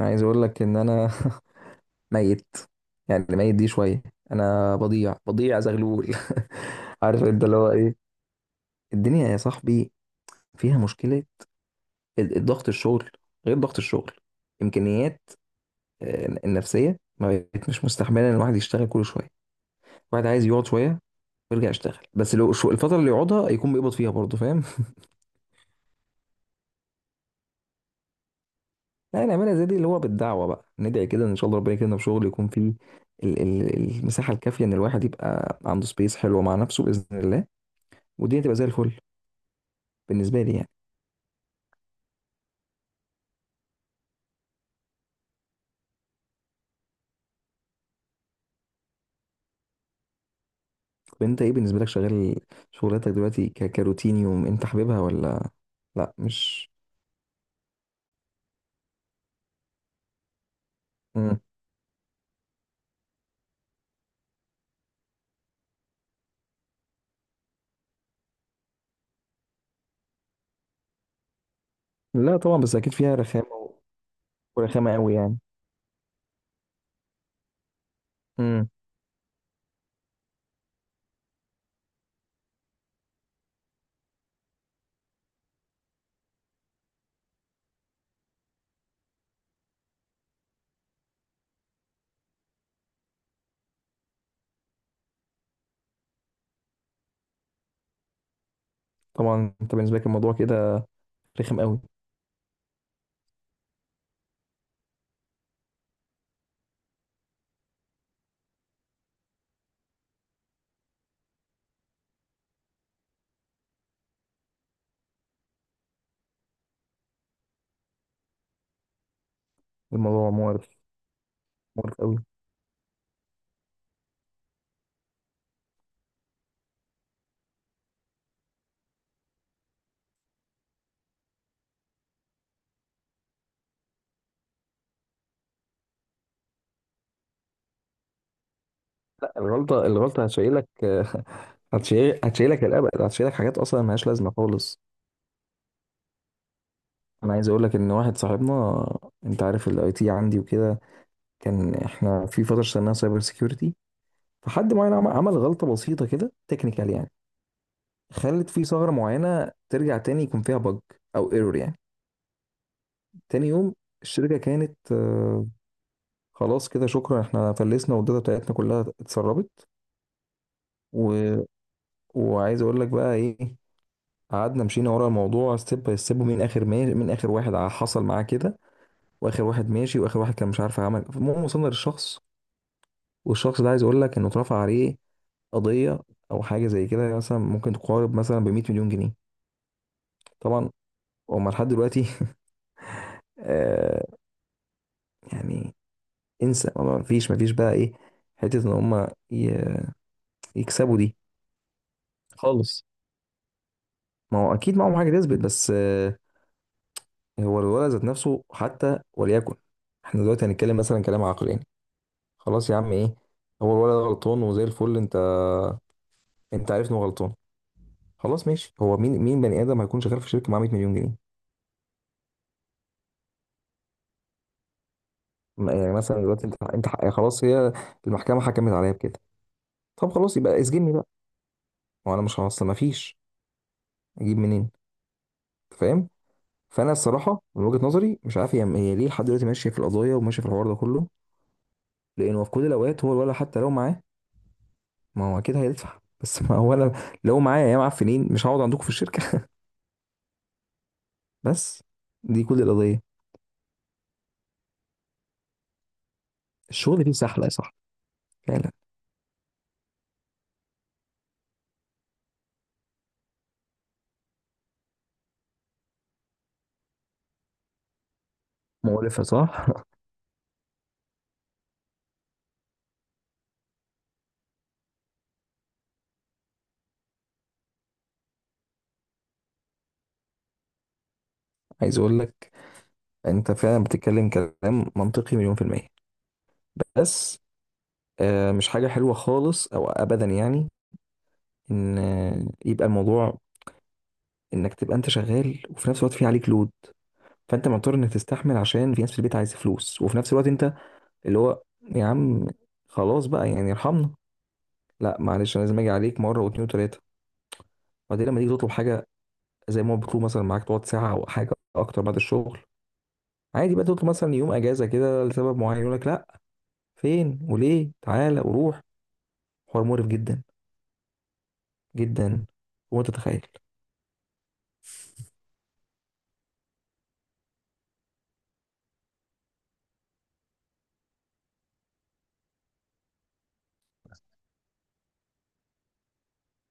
عايز اقول لك ان انا ميت. يعني ميت دي شويه. انا بضيع بضيع زغلول. عارف انت اللي هو ايه. الدنيا يا صاحبي فيها مشكله، الضغط الشغل غير ضغط الشغل، امكانيات. النفسيه ما بقت مش مستحمله ان الواحد يشتغل كل شويه. الواحد عايز يقعد شويه ويرجع يشتغل، بس لو الفتره اللي يقعدها يكون بيقبض فيها برضه، فاهم. يعني نعملها زي دي اللي هو بالدعوه، بقى ندعي كده ان شاء الله ربنا يكرمنا بشغل يكون فيه المساحه الكافيه، ان الواحد يبقى عنده سبيس حلوه مع نفسه باذن الله، والدنيا تبقى زي الفل، بالنسبه لي يعني. طب انت ايه، بالنسبه لك شغال شغلتك دلوقتي كروتين يوم انت حاببها ولا لا مش. مم. لا طبعا، بس اكيد فيها رخامه ورخامه قوي يعني. مم. طبعا انت بالنسبه لك الموضوع كده رخم قوي. الموضوع مقرف، مقرف قوي. الغلطه الغلطه هتشيلك. هتشيلك الابد، هتشيلك حاجات اصلا ملهاش لازمه خالص. انا عايز اقول لك ان واحد صاحبنا، انت عارف الاي تي عندي وكده، كان احنا في فتره اشتغلناها سايبر سيكيورتي. فحد معين عمل غلطة بسيطة كده تكنيكال يعني، خلت في ثغرة معينة ترجع تاني يكون فيها بج أو ايرور يعني. تاني يوم الشركة كانت، خلاص كده شكرا، احنا فلسنا والداتا بتاعتنا كلها اتسربت و... وعايز اقول لك بقى ايه، قعدنا مشينا ورا الموضوع ستيب باي ستيب، من اخر ما... من اخر واحد حصل معاه كده، واخر واحد ماشي واخر واحد كان مش عارف عمل. المهم وصلنا للشخص، والشخص ده عايز اقول لك انه اترفع عليه قضية او حاجة زي كده، مثلا ممكن تقارب مثلا ب 100 مليون جنيه. طبعا، وهم لحد دلوقتي آه يعني انسى، ما فيش ما فيش بقى ايه، حته ان هم يكسبوا دي خالص. ما هو اكيد معاهم حاجه تثبت، بس هو الولد ذات نفسه حتى وليكن. احنا دلوقتي هنتكلم مثلا كلام عقلاني يعني. خلاص يا عم ايه، هو الولد ده غلطان وزي الفل، انت عارف انه غلطان، خلاص ماشي. هو مين مين بني ادم هيكون شغال في شركه معاه 100 مليون جنيه؟ يعني مثلا دلوقتي انت خلاص، هي المحكمه حكمت عليا بكده، طب خلاص يبقى اسجني بقى وانا مش هوصل، ما فيش، اجيب منين؟ أنت فاهم. فانا الصراحه من وجهه نظري مش عارف هي ليه لحد دلوقتي ماشيه في القضايا وماشيه في الحوار ده كله. لانه في كل الاوقات هو الولد حتى لو معاه، ما هو اكيد هيدفع، بس ما هو انا لو معايا يا معفنين مش هقعد عندكم في الشركه. بس دي كل القضيه. الشغل فيه سحله يا صاحبي فعلا. مقرفه صح. عايز اقول لك، انت فعلا بتتكلم كلام منطقي مليون في الميه، بس مش حاجه حلوه خالص او ابدا يعني، ان يبقى الموضوع انك تبقى انت شغال وفي نفس الوقت في عليك لود، فانت مضطر انك تستحمل عشان في ناس في البيت عايزه فلوس، وفي نفس الوقت انت اللي هو يا عم خلاص بقى يعني ارحمنا. لا معلش انا لازم اجي عليك مره واتنين وتلاته، وبعدين لما تيجي تطلب حاجه زي ما هو بيطلب مثلا معاك تقعد ساعه او حاجه اكتر بعد الشغل عادي، بقى تطلب مثلا يوم اجازه كده لسبب معين يقول لك لا، فين وليه، تعالى وروح. حوار مقرف جدا جدا. وانت تتخيل.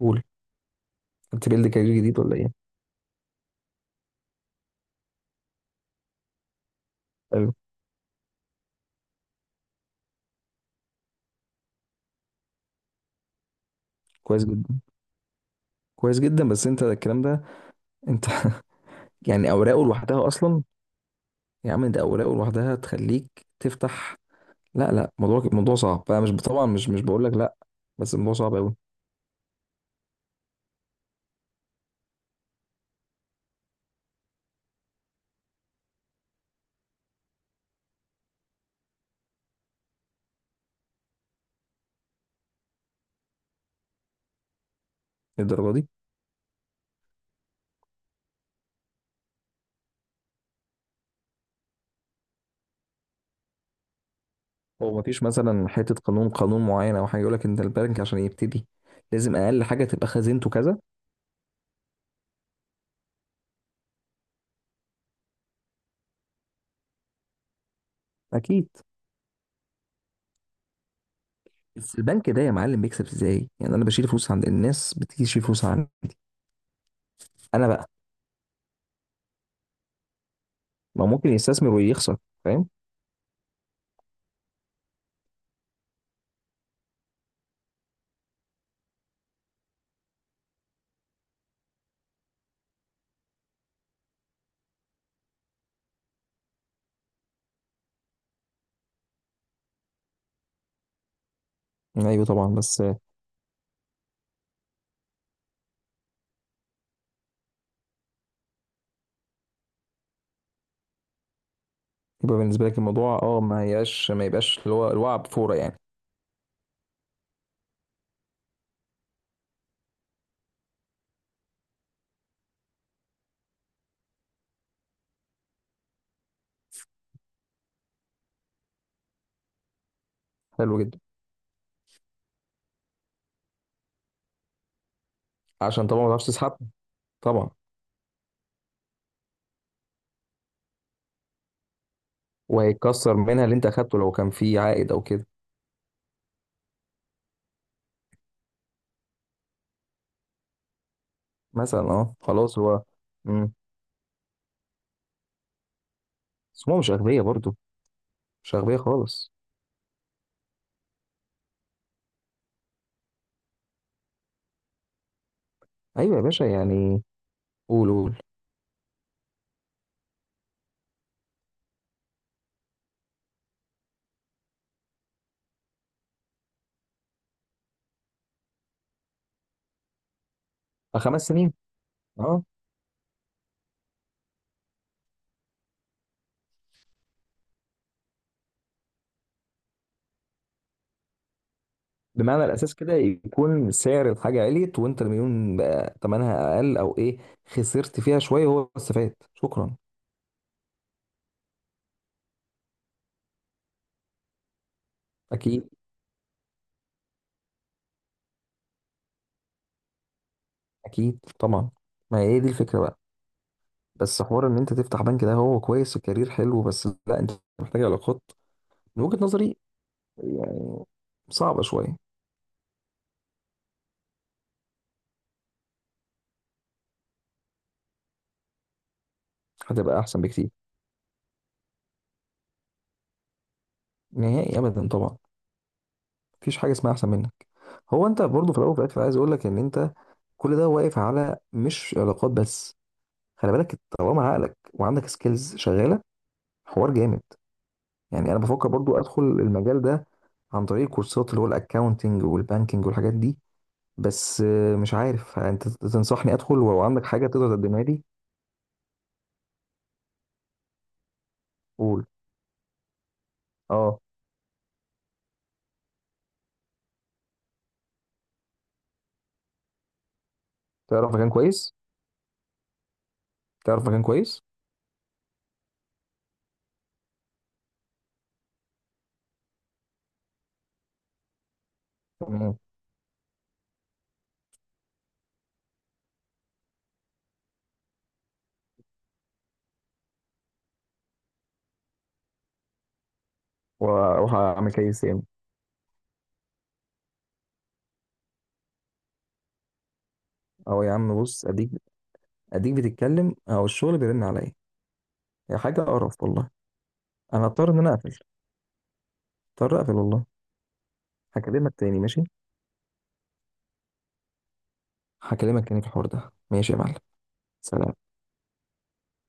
قول. انت بيلد كارير جديد ولا ايه؟ ايوه كويس جدا، كويس جدا، بس انت الكلام ده، انت يعني اوراقه لوحدها اصلا. يا عم ده أوراق لوحدها تخليك تفتح. لا لا، موضوع موضوع صعب، فأنا مش طبعا، مش بقول لك لا، بس الموضوع صعب أوي. للدرجة دي؟ هو مفيش مثلا حتة قانون، قانون معين أو حاجة يقول لك أنت البنك عشان يبتدي لازم أقل حاجة تبقى خزينته كذا؟ أكيد. بس البنك ده يا معلم بيكسب إزاي؟ يعني أنا بشيل فلوس عند الناس بتيجي تشيل فلوس عندي، أنا بقى ما ممكن يستثمر ويخسر، فاهم؟ أيوه طبعا، بس يبقى بالنسبة لك الموضوع ما يبقاش ما يبقاش اللي هو الوعي بفورة يعني. حلو جدا، عشان طبعا ما تعرفش تسحب. طبعا، وهيتكسر منها اللي انت اخدته لو كان فيه عائد او كده. مثلا اه خلاص هو، امم بس هم مش اغبياء برضه، مش اغبياء خالص. ايوه يا باشا يعني، قول قول. آه، 5 سنين، اه. بمعنى الاساس كده يكون سعر الحاجه عليت، وانت المليون بقى ثمنها اقل او ايه، خسرت فيها شويه هو استفاد شكرا. اكيد. اكيد طبعا. ما هي دي الفكره بقى. بس حوار ان انت تفتح بنك ده هو كويس وكارير حلو، بس لا، انت محتاج علاقات، من وجهه نظري يعني. صعبه شويه. هتبقى احسن بكتير. نهائي ابدا طبعا، مفيش حاجه اسمها احسن منك. هو انت برضو في الاول وفي الاخر عايز اقول لك ان انت كل ده واقف على مش علاقات بس، خلي بالك طالما عقلك وعندك سكيلز شغاله، حوار جامد. يعني انا بفكر برضو ادخل المجال ده عن طريق كورسات اللي هو الاكاونتنج والبانكينج والحاجات دي، بس مش عارف انت تنصحني ادخل ولو عندك حاجه تقدر تقدمها لي. قول. اه، تعرف مكان كويس؟ تعرف مكان كويس؟ تمام. وهعمل كيس يعني. اه يا عم بص، اديك بتتكلم او الشغل بيرن عليا، هي حاجه قرف والله. انا اضطر ان انا اقفل، اضطر اقفل والله. هكلمك تاني، ماشي. هكلمك تاني في الحوار ده، ماشي يا معلم. سلام.